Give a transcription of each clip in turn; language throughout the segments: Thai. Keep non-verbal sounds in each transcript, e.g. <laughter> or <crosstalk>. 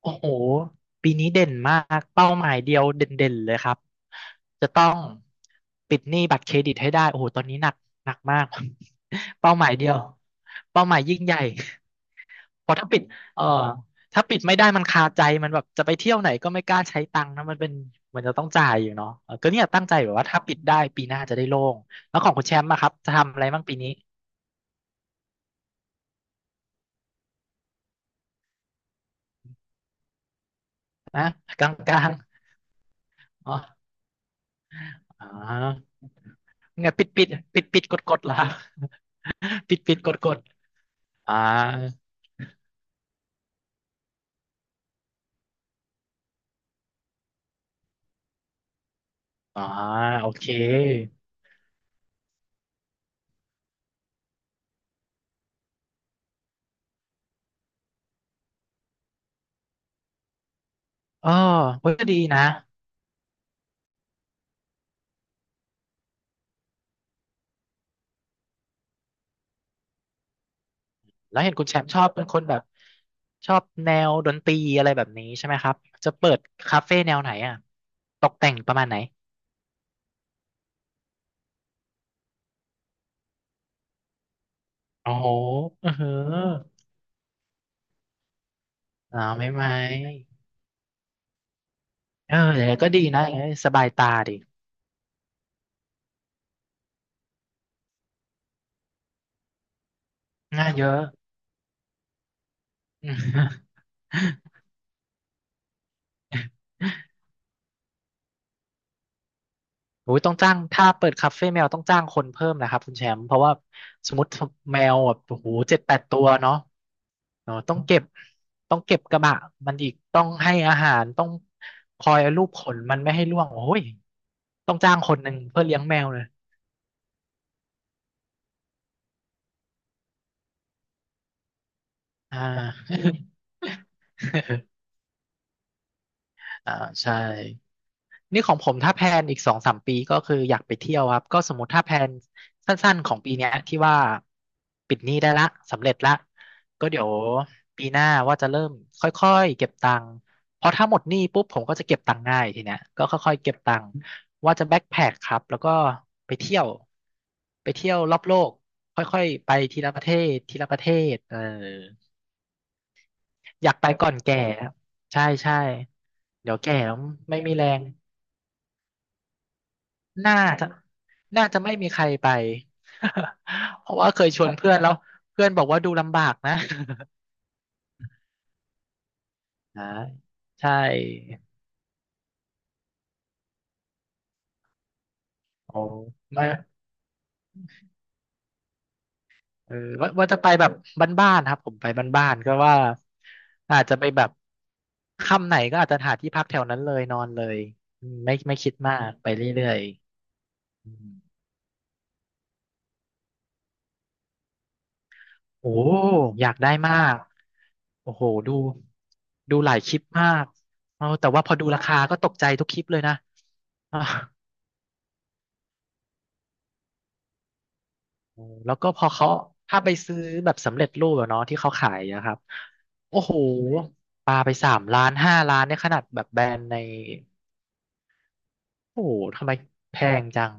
โอ้โหปีนี้เด่นมากเป้าหมายเดียวเด่นๆเลยครับจะต้องปิดหนี้บัตรเครดิตให้ได้โอ้โหตอนนี้หนักมาก <laughs> เป้าหมายเดียวเป้าหมายยิ่งใหญ่เพราะเอ่อถ้าปิดไม่ได้มันคาใจมันแบบจะไปเที่ยวไหนก็ไม่กล้าใช้ตังค์นะมันเป็นมันจะต้องจ่ายอยู่เนาะเออก็เนี่ยตั้งใจแบบว่าถ้าปิดได้ปีหน้าจะได้โล่งแล้วของคุณแชมป์อะครับจะทำอะไรบ้างปีนี้นะกลางๆอ๋ออ๋อ ไงปิดปิดปิดปิดกดกดเหรอ <laughs> ปิดปิดกดกดอ่าอ่าโอเคเออเฮ้ยก็ดีนะแล้วเห็นคุณแชมป์ชอบเป็นคนแบบชอบแนวดนตรีอะไรแบบนี้ใช่ไหมครับจะเปิดคาเฟ่แนวไหนอ่ะตกแต่งประมาณไหนโอ้โหอือหืออาไม่ไหมเอออย่างนั้นก็ดีนะอย่างนั้นสบายตาดีงานเยอะอืม โอ้ยต้องจ้างถ้าเปิดคาเฟ่แมวต้องจ้างคนเพิ่มนะครับคุณแชมป์เพราะว่าสมมติแมวแบบโอ้โห7-8 ตัวเนาะเนาะต้องเก็บต้องเก็บกระบะมันอีกต้องให้อาหารต้องคอยลูบขนมันไม่ให้ร่วงโอ้ยต้องจ้างคนหนึ่งเพื่อเลี้ยงแมวเลยอ่า <laughs> อ่าใช่ นี่ของผมถ้าแพลนอีก2-3 ปีก็คืออยากไปเที่ยวครับก็สมมติถ้าแพลนสั้นๆของปีเนี้ยที่ว่าปิดหนี้ได้ละสำเร็จละก็เดี๋ยวปีหน้าว่าจะเริ่มค่อยๆเก็บตังค์เพราะถ้าหมดหนี้ปุ๊บผมก็จะเก็บตังค์ง่ายทีเนี้ยก็ค่อยๆเก็บตังค์ว่าจะแบ็คแพคครับแล้วก็ไปเที่ยวไปเที่ยวรอบโลกค่อยๆไปทีละประเทศทีละประเทศเอออยากไปก่อนแก่ครับใช่ใช่เดี๋ยวแก่แล้วไม่มีแรง น่าจะน่าจะไม่มีใครไป <laughs> เพราะว่าเคยชวนเพื่อนแล้วเพื่อนบอกว่าดูลำบากนะ <laughs> อ่ใช่โอ๋ไม่เออว่าจะไปแบบบ้านๆครับผมไปบ้านๆก็ว่าอาจจะไปแบบค่ำไหนก็อาจจะหาที่พักแถวนั้นเลยนอนเลยอืมไม่คิดมากไปเรื่อยๆอืมโอ้อยากได้มากโอ้โหดูดูหลายคลิปมากเอาแต่ว่าพอดูราคาก็ตกใจทุกคลิปเลยนะ <laughs> อ่า แล้วก็พอเขาถ้าไปซื้อแบบสำเร็จรูปอะเนาะที่เขาขายนะครับโอ้โหปลาไป3 ล้านห้าล้านเนี่ยขนาดแบบแบรนด์ในโอ้โหทำไมแพงจัง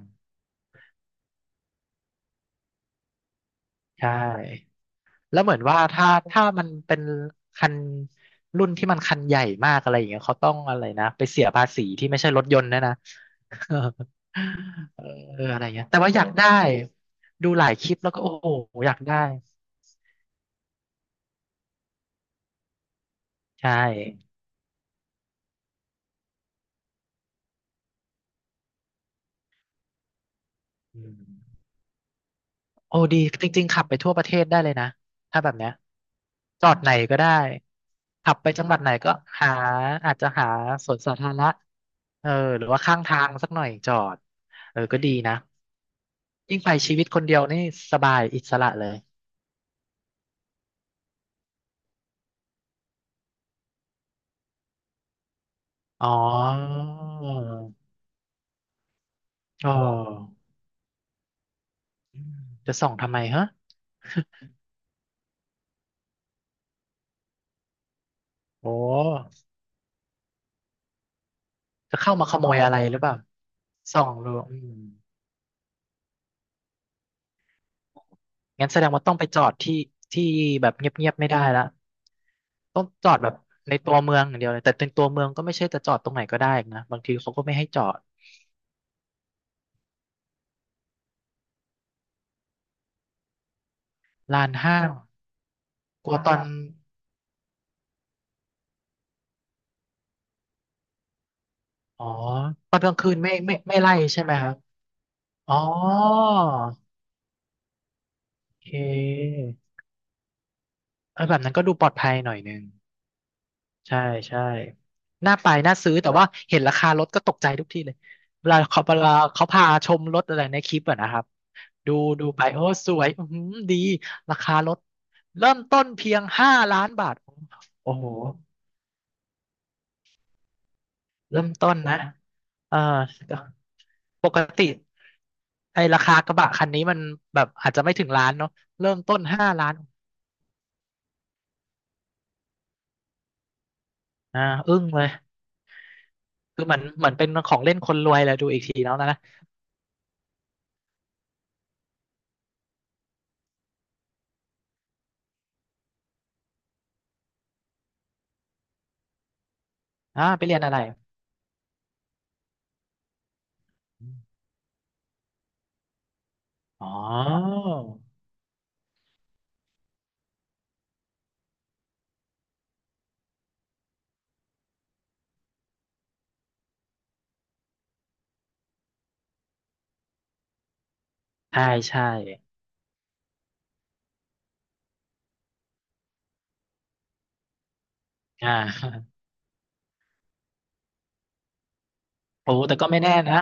ใช่แล้วเหมือนว่าถ้ามันเป็นคันรุ่นที่มันคันใหญ่มากอะไรอย่างเงี้ยเขาต้องอะไรนะไปเสียภาษีที่ไม่ใช่รถยนต์นะนะ <laughs> เอออะไรเงี้ยแต่ว่าอยากได้ดูหลายคลิปแล้วก็โอ้โหอยากได้ใช่อืม โอ้ดีจริงๆขับไปทั่วประเทศได้เลยนะถ้าแบบเนี้ยจอดไหนก็ได้ขับไปจังหวัดไหนก็หาอาจจะหาสวนสาธารณะเออหรือว่าข้างทางสักหน่อยจอดเออก็ดีนะยิ่งไปชีวิตคนเดียวนี่สบายอิสระเลยอ๋ออ๋ออืมจะส่องทำไมฮะ <laughs> โอ้จะเข้ามาขโมยอะไรหรือเปล่าส่องดูอืม งั้นแสดงว่าต้องไปจอดที่ที่แบบเงียบๆไม่ได้ละต้องจอดแบบในตัวเมืองอย่างเดียวเลยแต่ในตัวเมืองก็ไม่ใช่จะจอดตรงไหนก็ได้อีกนะบางทีเขาก็ไม่ให้จอดลานห้างกลัวตอนอ๋อตอนกลางคืนไม่ไล่ใช่ไหมครับอ๋อโอเคเออแบบนั้นก็ดูปลอดภัยหน่อยนึง ใช่ใช่น่าไปน่าซื้อแต่ว่าเห็นราคารถก็ตกใจทุกทีเลยเวลาเขาพาชมรถอะไรในคลิปอะนะครับดูดูไปโอ้สวยอือหือดีราคารถเริ่มต้นเพียง5 ล้านบาทโอ้โหเริ่มต้นนะเออก็ปกติไอ้ราคากระบะคันนี้มันแบบอาจจะไม่ถึงล้านเนาะเริ่มต้นห้าล้านอ่าอึ้งเลยคือเหมือนเป็นของเล่นคนรวยเลยดูอีกทีแล้วนะนะอ่าไปเรียนอะไร อ๋อใช่ใช่อ่า <laughs> ใช่ โอ้แต่ก็ไม่แน่นะ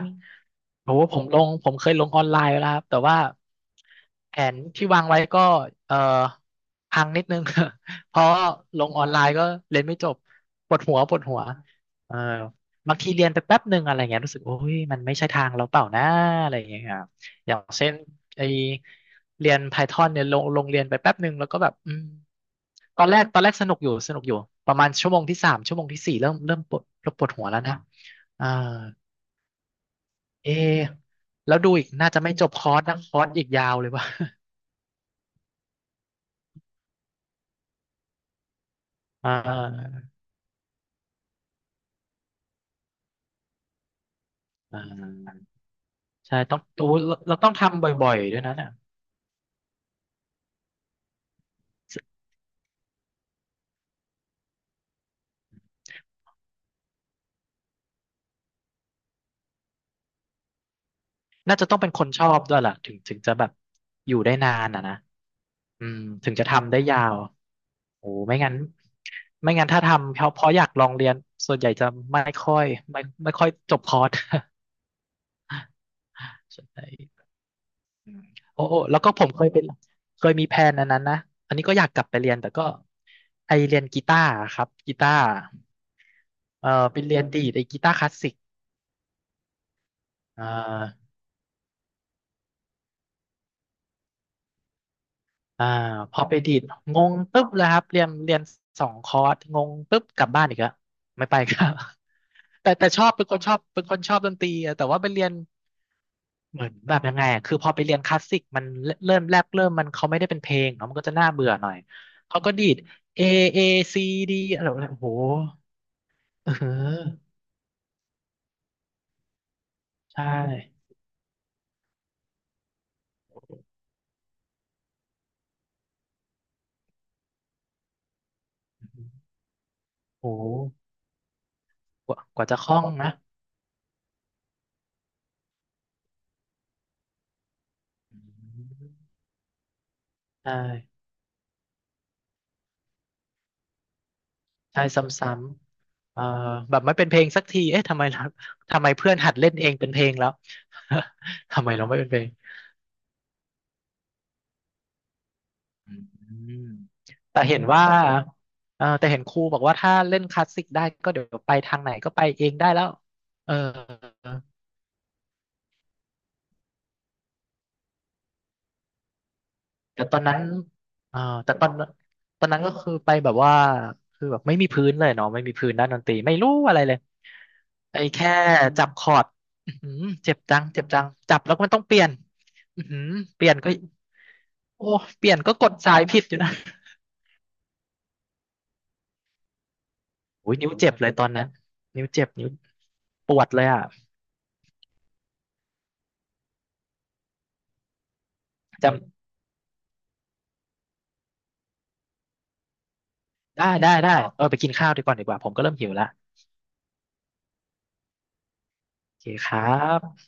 โอ้ผมเคยลงออนไลน์ไปแล้วครับแต่ว่าแผนที่วางไว้ก็เอ่อพังนิดนึง <laughs> เพราะลงออนไลน์ก็เรียนไม่จบปวดหัวปวดหัวเออบางทีเรียนไปแป๊บหนึ่งอะไรเงี้ยรู้สึกโอ้ยมันไม่ใช่ทางเราเปล่านะอะไรอย่างเงี้ยครับอย่างเช่นไอเรียน Python เนี่ยลงเรียนไปแป๊บหนึ่งแล้วก็แบบตอนแรกสนุกอยู่ประมาณชั่วโมงที่สามชั่วโมงที่สี่เริ่มปวดเริ่มปวดหัวแล้วนะเออ เอะแล้วดูอีกน่าจะไม่จบคอร์สนะคอร์สอีกยาวเลยว่ะ <laughs> อ่าอ่าใช่ต้องโอ้เราต้องทำบ่อยๆด้วยนะเนี่ยน่าจะต้องเป็นคนชอบด้วยล่ะถึงจะแบบอยู่ได้นานอ่ะนะอืมถึงจะทำได้ยาวโอ้ไม่งั้นไม่งั้นถ้าทำเพราะอยากลองเรียนส่วนใหญ่จะไม่ค่อยไม่ค่อยจบคอร์ส <laughs> ใช่ อืมโอ้แล้วก็ผมเคยเป็นเคยมีแพลนอันนั้นนะอันนี้ก็อยากกลับไปเรียนแต่ก็ไอเรียนกีตาร์ครับกีตาร์เออไปเรียนดีดไอกีตาร์คลาสสิกอ่าอ่าพอไปดีดงงตึ๊บเลยครับเรียนสองคอร์สงงตึ๊บกลับบ้านอีกแล้วไม่ไปครับ <laughs> แต่ชอบเป็นคนชอบดนตรีอะแต่ว่าไปเรียน เหมือนแบบยังไงอะคือพอไปเรียนคลาสสิกมันเริ่มมันเขาไม่ได้เป็นเพลงเนาะมันก็จะน่าเบื่อหน่อย เขาก็ดีด A A C D อะไรแบบโอ้โหเออใช่โอ้โหกว่าจะคล่องนะอืมใช่ใช่ซ้ำๆแบบไม่เป็นเพลงสักทีเอ๊ะทำไมเพื่อนหัดเล่นเองเป็นเพลงแล้ว <laughs> ทำไมเราไม่เป็นเพลง อืมแต่เห็นว่าเออแต่เห็นครูบอกว่าถ้าเล่นคลาสสิกได้ก็เดี๋ยวไปทางไหนก็ไปเองได้แล้วเออแต่ตอนนั้นเออแต่ตอนนั้นก็คือไปแบบว่าคือแบบไม่มีพื้นเลยเนาะไม่มีพื้นด้านดนตรีไม่รู้อะไรเลยไอ้แค่จับคอร์ดอื้อหือเจ็บจังจับแล้วก็มันต้องเปลี่ยนอือหือเปลี่ยนก็โอ้เปลี่ยนก็กดสายผิดอยู่นะโอ้ยนิ้วเจ็บเลยตอนนั้นนิ้วปวดเลยอ่ะจำ ได้เออไปกินข้าวดีกว่าผมก็เริ่มหิวละโอเคครับ